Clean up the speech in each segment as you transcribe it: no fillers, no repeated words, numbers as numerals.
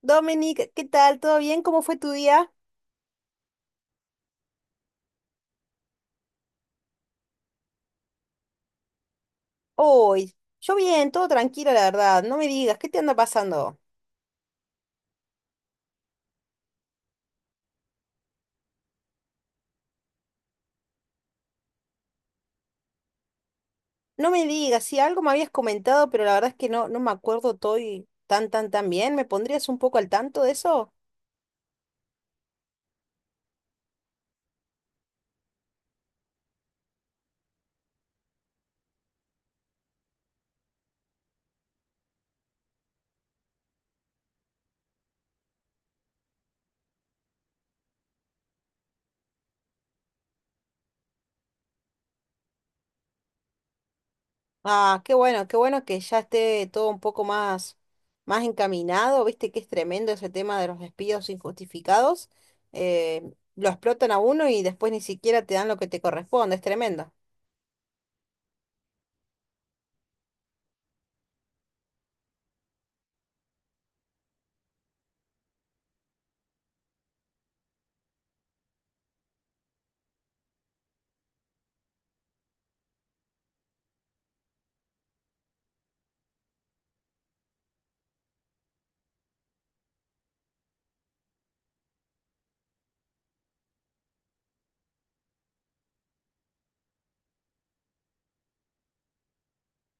Dominic, ¿qué tal? ¿Todo bien? ¿Cómo fue tu día hoy? Yo bien, todo tranquilo, la verdad. No me digas, ¿qué te anda pasando? No me digas, sí, algo me habías comentado, pero la verdad es que no me acuerdo todo y tan bien. ¿Me pondrías un poco al tanto de eso? Ah, qué bueno que ya esté todo un poco más, más encaminado. Viste que es tremendo ese tema de los despidos injustificados. Eh, lo explotan a uno y después ni siquiera te dan lo que te corresponde. Es tremendo.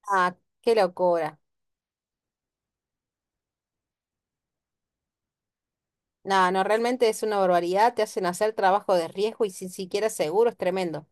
Ah, qué locura. No, no, realmente es una barbaridad, te hacen hacer trabajo de riesgo y sin siquiera seguro, es tremendo.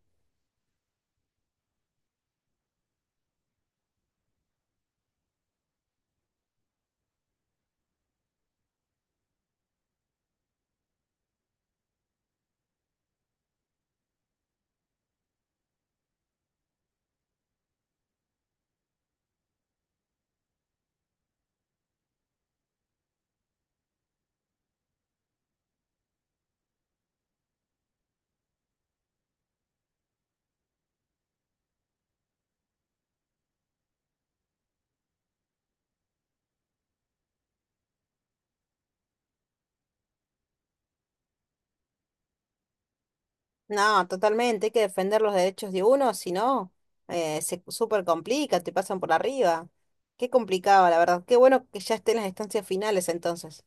No, totalmente, hay que defender los derechos de uno, si no, se súper complica, te pasan por arriba. Qué complicado, la verdad. Qué bueno que ya estén las instancias finales entonces.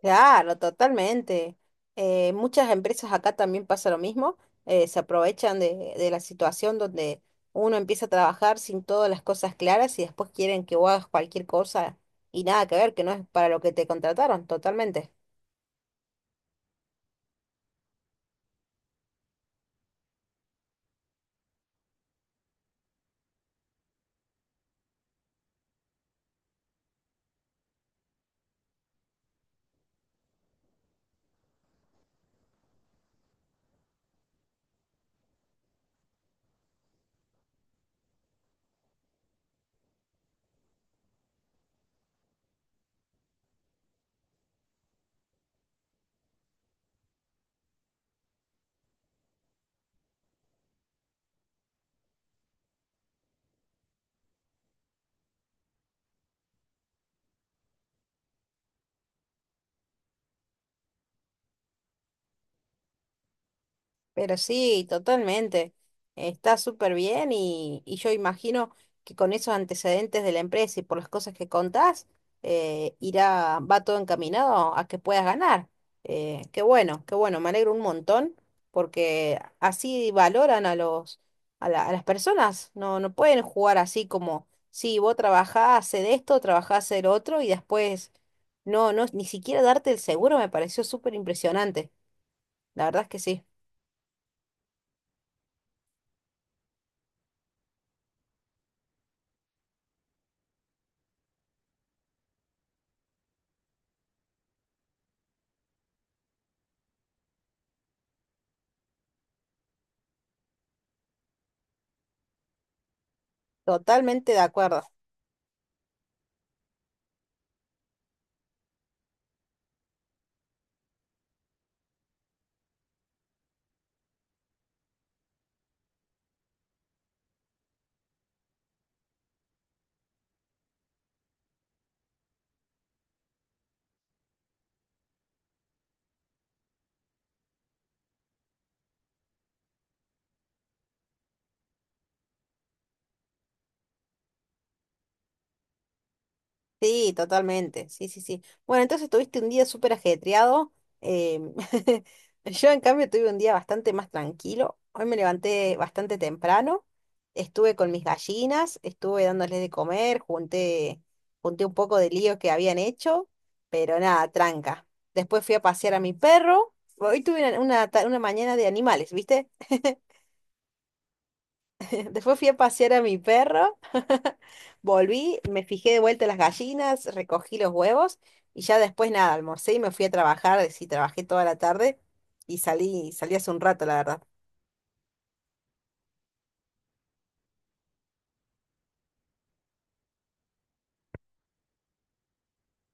Claro, totalmente. Muchas empresas acá también pasa lo mismo, se aprovechan de la situación donde uno empieza a trabajar sin todas las cosas claras y después quieren que vos hagas cualquier cosa y nada que ver, que no es para lo que te contrataron, totalmente. Pero sí, totalmente. Está súper bien y yo imagino que con esos antecedentes de la empresa y por las cosas que contás, irá, va todo encaminado a que puedas ganar. Qué bueno, me alegro un montón porque así valoran a los, a las personas. No, no pueden jugar así como, sí, vos trabajás, hacé esto, trabajás de lo otro y después no, no, ni siquiera darte el seguro me pareció súper impresionante. La verdad es que sí. Totalmente de acuerdo. Sí, totalmente. Sí, sí, sí. Bueno, entonces tuviste un día súper ajetreado. em, yo, en cambio, tuve un día bastante más tranquilo. Hoy me levanté bastante temprano. Estuve con mis gallinas, estuve dándoles de comer, junté, junté un poco de lío que habían hecho, pero nada, tranca. Después fui a pasear a mi perro. Hoy tuve una, una mañana de animales, ¿viste? Después fui a pasear a mi perro, volví, me fijé de vuelta las gallinas, recogí los huevos y ya después nada, almorcé y me fui a trabajar, sí, trabajé toda la tarde y salí, salí hace un rato, la verdad.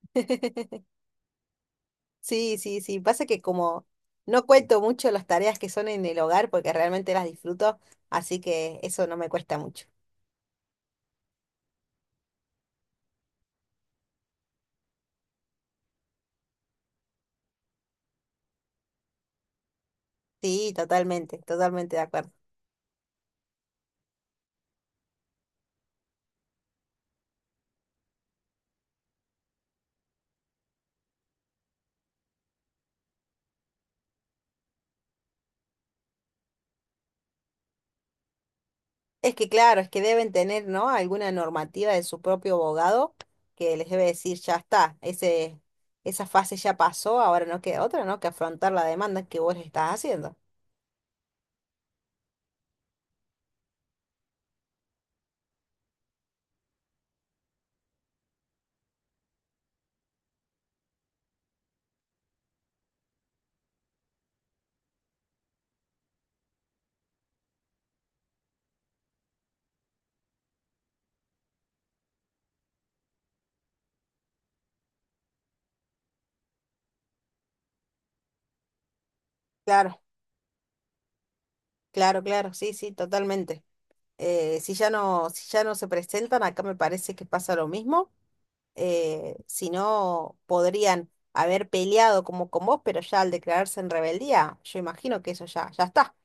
Sí, sí, sí, pasa que como no cuento mucho las tareas que son en el hogar porque realmente las disfruto, así que eso no me cuesta mucho. Sí, totalmente, totalmente de acuerdo. Es que claro, es que deben tener, ¿no? Alguna normativa de su propio abogado que les debe decir, ya está, ese, esa fase ya pasó, ahora no queda otra, ¿no? Que afrontar la demanda que vos le estás haciendo. Claro, claro, claro, sí, sí, totalmente. Si ya no, si ya no se presentan, acá me parece que pasa lo mismo. Si no, podrían haber peleado como con vos, pero ya al declararse en rebeldía, yo imagino que eso ya, ya está.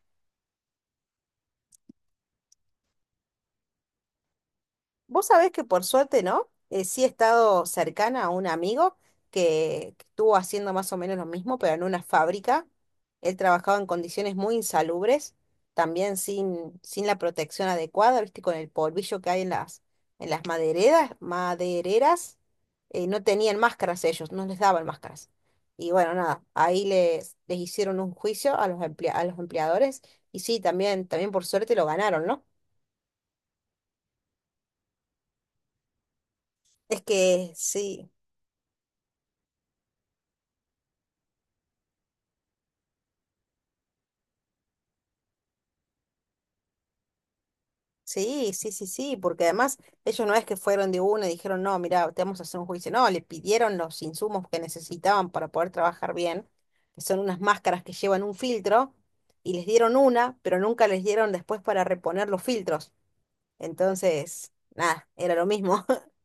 Vos sabés que por suerte, ¿no? Sí he estado cercana a un amigo que estuvo haciendo más o menos lo mismo, pero en una fábrica. Él trabajaba en condiciones muy insalubres, también sin la protección adecuada, ¿viste? Con el polvillo que hay en las madereras, madereras, no tenían máscaras ellos, no les daban máscaras. Y bueno, nada, ahí les, les hicieron un juicio a los a los empleadores y sí, también, también por suerte lo ganaron, ¿no? Es que sí. Sí, sí, sí, sí, porque además ellos no es que fueron de uno y dijeron, no, mira, te vamos a hacer un juicio. No, le pidieron los insumos que necesitaban para poder trabajar bien, que son unas máscaras que llevan un filtro, y les dieron una, pero nunca les dieron después para reponer los filtros. Entonces, nada, era lo mismo.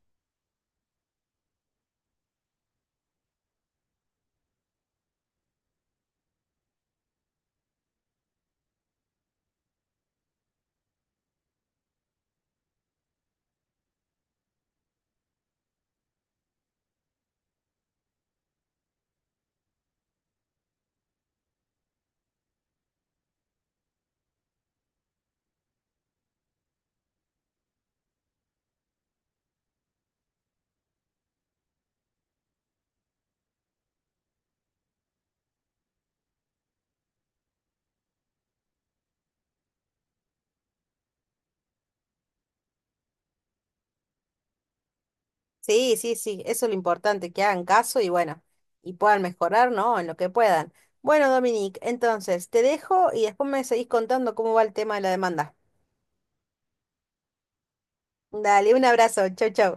Sí, sí, sí, eso es lo importante, que hagan caso y bueno, y puedan mejorar, ¿no? En lo que puedan. Bueno, Dominique, entonces te dejo y después me seguís contando cómo va el tema de la demanda. Dale, un abrazo, chau, chau.